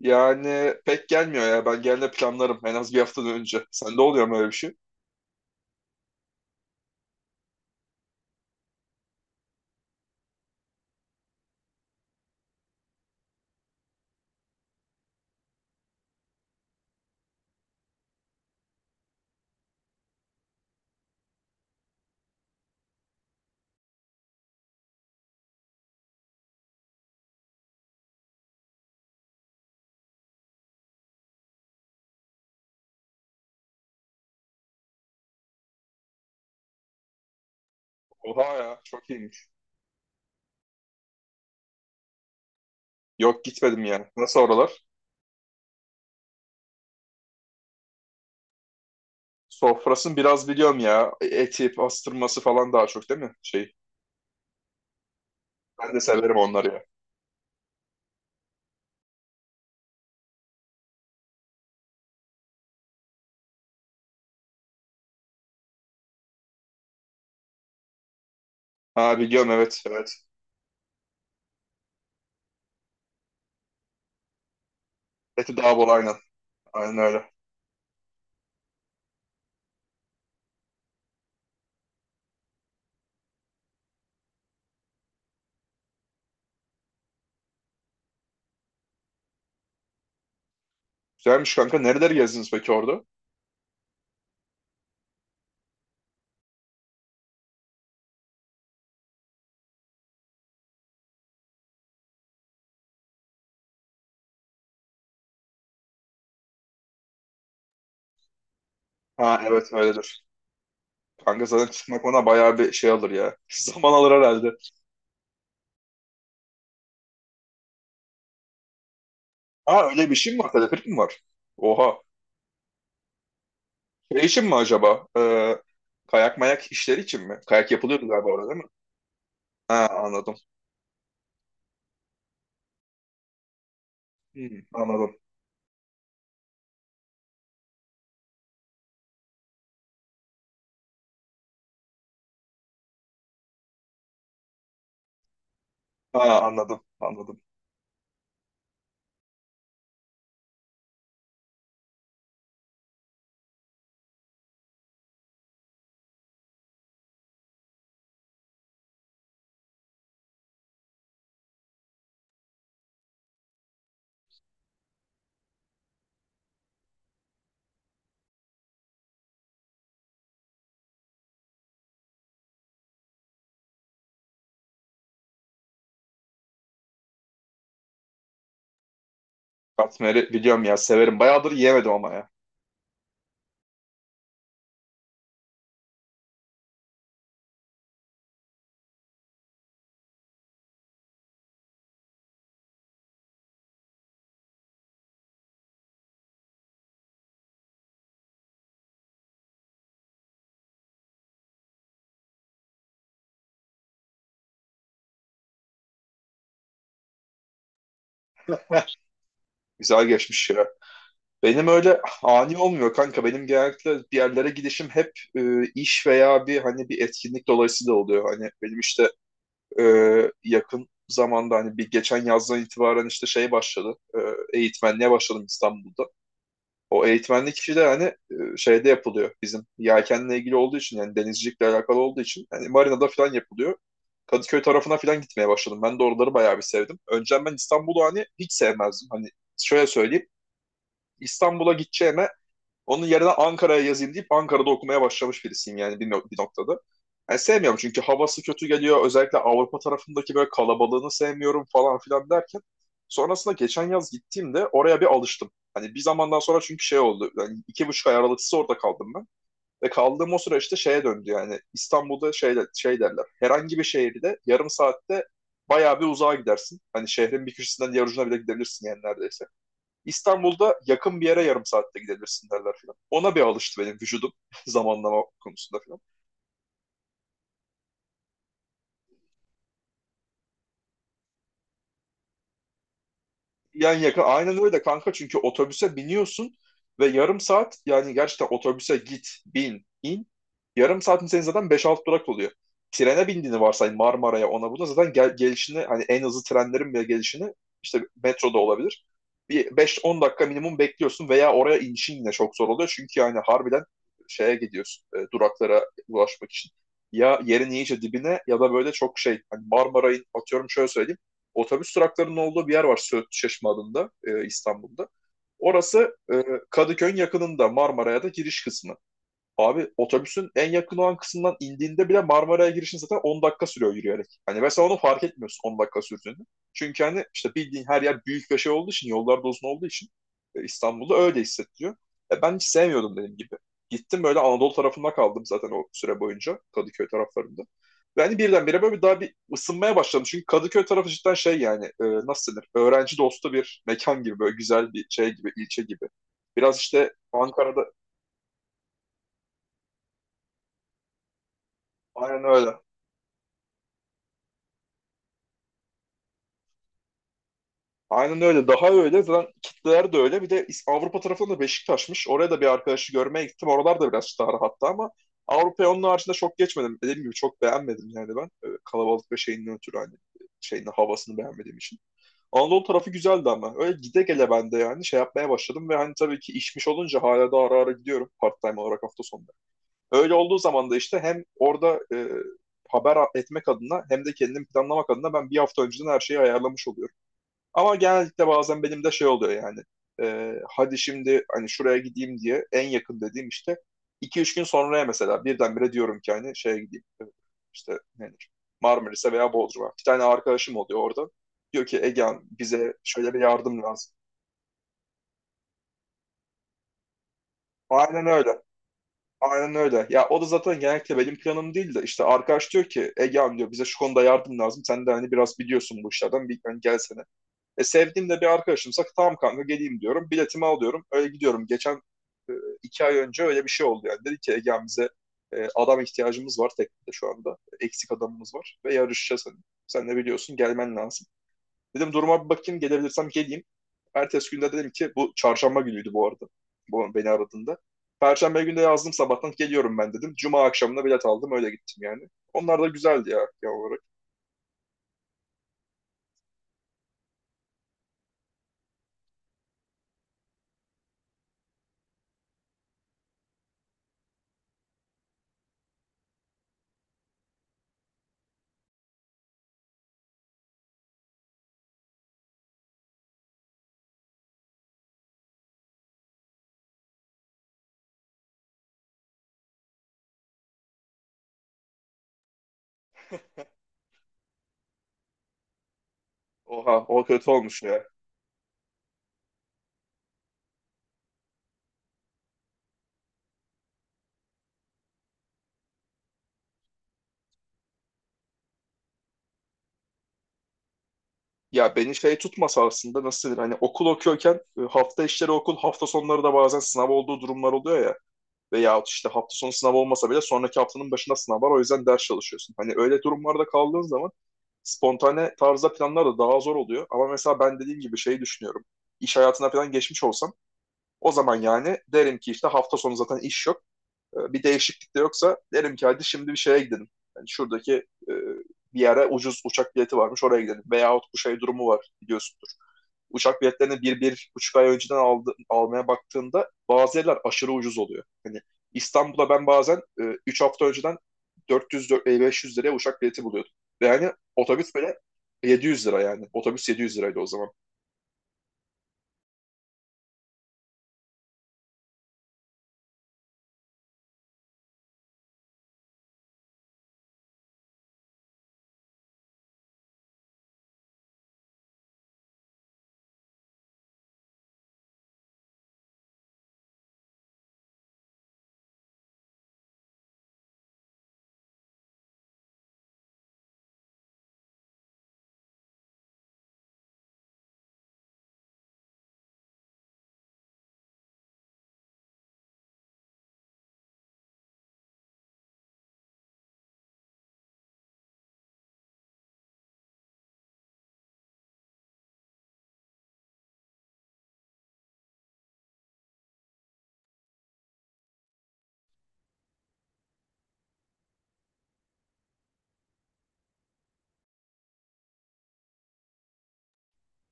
Yani pek gelmiyor ya. Ben gelme planlarım en az bir haftadan önce. Sende oluyor mu öyle bir şey? Oha ya çok iyiymiş. Yok gitmedim ya. Nasıl oralar? Sofrasını biraz biliyorum ya. Eti, pastırması falan daha çok değil mi? Şey. Ben de severim onları ya. Ha biliyorum, evet evet. Eti daha bol aynen. Aynen öyle. Güzelmiş kanka. Nereleri gezdiniz peki orada? Ha evet öyledir. Kanka zaten çıkmak ona bayağı bir şey alır ya. Zaman alır herhalde. Ha öyle bir şey mi var? Teleferik mi var? Oha. Şey için mi acaba? Kayak mayak işleri için mi? Kayak yapılıyordu galiba orada değil mi? Ha anladım. Hmm, anladım. Ha anladım. Anladım. Katmer'i biliyorum ya, severim. Bayağıdır yiyemedim ama ya. Güzel geçmiş ya. Benim öyle ani olmuyor kanka. Benim genellikle bir yerlere gidişim hep iş veya hani bir etkinlik dolayısıyla oluyor. Hani benim işte e, yakın zamanda hani bir geçen yazdan itibaren işte şey başladı. Eğitmenliğe başladım İstanbul'da. O eğitmenlik kişi de hani şeyde yapılıyor, bizim yelkenle ilgili olduğu için, yani denizcilikle alakalı olduğu için hani marinada falan yapılıyor. Kadıköy tarafına falan gitmeye başladım. Ben de oraları bayağı bir sevdim. Önceden ben İstanbul'u hani hiç sevmezdim. Hani şöyle söyleyeyim. İstanbul'a gideceğime onun yerine Ankara'ya yazayım deyip Ankara'da okumaya başlamış birisiyim yani bir, no- bir noktada. Yani sevmiyorum çünkü havası kötü geliyor. Özellikle Avrupa tarafındaki böyle kalabalığını sevmiyorum falan filan derken. Sonrasında geçen yaz gittiğimde oraya bir alıştım. Hani bir zamandan sonra çünkü şey oldu. Yani 2,5 ay aralıksız orada kaldım ben. Ve kaldığım o süreçte işte şeye döndü yani. İstanbul'da şey derler. Herhangi bir şehirde yarım saatte bayağı bir uzağa gidersin. Hani şehrin bir köşesinden diğer ucuna bile gidebilirsin yani neredeyse. İstanbul'da yakın bir yere yarım saatte gidebilirsin derler filan. Ona bir alıştı benim vücudum zamanlama konusunda filan. Yakın. Aynen öyle kanka, çünkü otobüse biniyorsun ve yarım saat, yani gerçekten otobüse git, bin, in. Yarım saatin senin zaten beş 6 durak oluyor. Trene bindiğini varsay, Marmara'ya ona buna zaten gelişini, hani en hızlı trenlerin bile gelişini, işte metroda olabilir. Bir 5-10 dakika minimum bekliyorsun veya oraya inişin yine çok zor oluyor. Çünkü yani harbiden şeye gidiyorsun, duraklara ulaşmak için. Ya yerin iyice dibine ya da böyle çok şey, hani Marmara'yı atıyorum, şöyle söyleyeyim, otobüs duraklarının olduğu bir yer var Söğüt Çeşme adında, İstanbul'da. Orası Kadıköy'ün yakınında, Marmara'ya da giriş kısmı. Abi otobüsün en yakın olan kısmından indiğinde bile Marmara'ya girişin zaten 10 dakika sürüyor yürüyerek. Hani mesela onu fark etmiyorsun 10 dakika sürdüğünü. Çünkü hani işte bildiğin her yer büyük ve şey olduğu için, yollar da uzun olduğu için İstanbul'da öyle hissettiriyor. Ben hiç sevmiyordum dediğim gibi. Gittim, böyle Anadolu tarafında kaldım zaten o süre boyunca, Kadıköy taraflarında. Ve hani birdenbire böyle bir daha bir ısınmaya başladım. Çünkü Kadıköy tarafı cidden şey yani, nasıl denir? Öğrenci dostu bir mekan gibi, böyle güzel bir şey gibi, ilçe gibi. Biraz işte Ankara'da aynen öyle. Aynen öyle. Daha öyle. Zaten kitleler de öyle. Bir de İs- Avrupa tarafında da Beşiktaş'mış. Oraya da bir arkadaşı görmeye gittim. Oralar da biraz daha rahattı ama Avrupa'ya onun haricinde çok geçmedim. Dediğim gibi çok beğenmedim yani ben. Kalabalık ve şeyinden ötürü, hani şeyin havasını beğenmediğim için. Anadolu tarafı güzeldi ama. Öyle gide gele ben de yani şey yapmaya başladım ve hani tabii ki işmiş olunca hala da ara ara gidiyorum part-time olarak, hafta sonları. Öyle olduğu zaman da işte hem orada haber etmek adına hem de kendimi planlamak adına ben bir hafta önceden her şeyi ayarlamış oluyorum. Ama genellikle bazen benim de şey oluyor yani. Hadi şimdi hani şuraya gideyim diye, en yakın dediğim işte 2-3 gün sonraya mesela, birdenbire diyorum ki hani şeye gideyim. İşte nedir? Marmaris'e veya Bodrum'a. Bir tane arkadaşım oluyor orada. Diyor ki, Egehan, bize şöyle bir yardım lazım. Aynen öyle. Aynen öyle. Ya o da zaten genellikle benim planım değil de, işte arkadaş diyor ki Egehan, diyor, bize şu konuda yardım lazım. Sen de hani biraz biliyorsun bu işlerden, bir hani gelsene. Sevdiğim de bir arkadaşımsa tamam kanka geleyim diyorum. Biletimi alıyorum. Öyle gidiyorum. Geçen e, 2 ay önce öyle bir şey oldu yani. Dedi ki, Ege'm, bize adam ihtiyacımız var teknede şu anda. Eksik adamımız var ve yarışacağız hani. Sen de biliyorsun, gelmen lazım. Dedim, duruma bir bakayım, gelebilirsem geleyim. Ertesi günde dedim ki, bu çarşamba günüydü bu arada, bu beni aradığında. Perşembe günde yazdım, sabahtan geliyorum ben dedim. Cuma akşamına bilet aldım, öyle gittim yani. Onlar da güzeldi ya genel olarak. Oha, o kötü olmuş ya. Ya beni şey tutmasa aslında, nasıl denir, hani okul okuyorken hafta işleri okul, hafta sonları da bazen sınav olduğu durumlar oluyor ya, veyahut işte hafta sonu sınav olmasa bile sonraki haftanın başında sınav var, o yüzden ders çalışıyorsun. Hani öyle durumlarda kaldığın zaman spontane tarzda planlar da daha zor oluyor ama mesela ben dediğim gibi şeyi düşünüyorum, iş hayatına falan geçmiş olsam o zaman yani derim ki, işte hafta sonu zaten iş yok. Bir değişiklik de yoksa derim ki hadi şimdi bir şeye gidelim. Yani şuradaki e, bir yere ucuz uçak bileti varmış, oraya gidelim. Veyahut bu şey durumu var biliyorsun, uçak biletlerini 1, 1,5 ay önceden almaya baktığında bazı yerler aşırı ucuz oluyor. Hani İstanbul'a ben bazen 3 hafta önceden 400-500 liraya uçak bileti buluyordum. Ve yani otobüs böyle 700 lira yani. Otobüs 700 liraydı o zaman.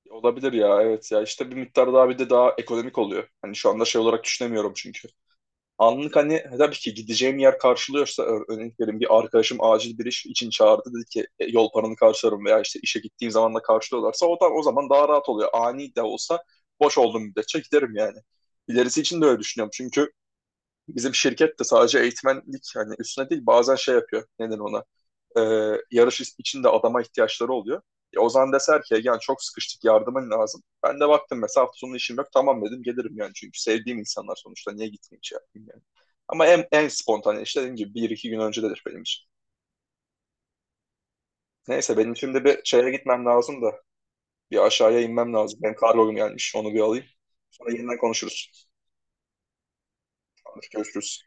Olabilir ya, evet. Ya işte bir miktar daha, bir de daha ekonomik oluyor. Hani şu anda şey olarak düşünemiyorum çünkü. Anlık hani, tabii ki gideceğim yer karşılıyorsa, örnek vereyim, bir arkadaşım acil bir iş için çağırdı, dedi ki, "E, yol paranı karşılarım" veya işte işe gittiğim zaman da karşılıyorlarsa, o da o zaman daha rahat oluyor. Ani de olsa boş olduğum müddetçe giderim yani. İlerisi için de öyle düşünüyorum. Çünkü bizim şirket de sadece eğitmenlik hani üstüne değil, bazen şey yapıyor. Neden ona? e, Yarış için de adama ihtiyaçları oluyor. E, Ozan deser ki yani, çok sıkıştık, yardımın lazım. Ben de baktım mesela hafta sonu işim yok, tamam dedim gelirim yani, çünkü sevdiğim insanlar sonuçta, niye gitmeyeyim şey yapayım yani. Ama en, spontane işte dediğim gibi bir iki gün öncedir benim için. Neyse, benim şimdi bir şeye gitmem lazım da, bir aşağıya inmem lazım. Benim kargom gelmiş, onu bir alayım. Sonra yeniden konuşuruz. Hadi görüşürüz.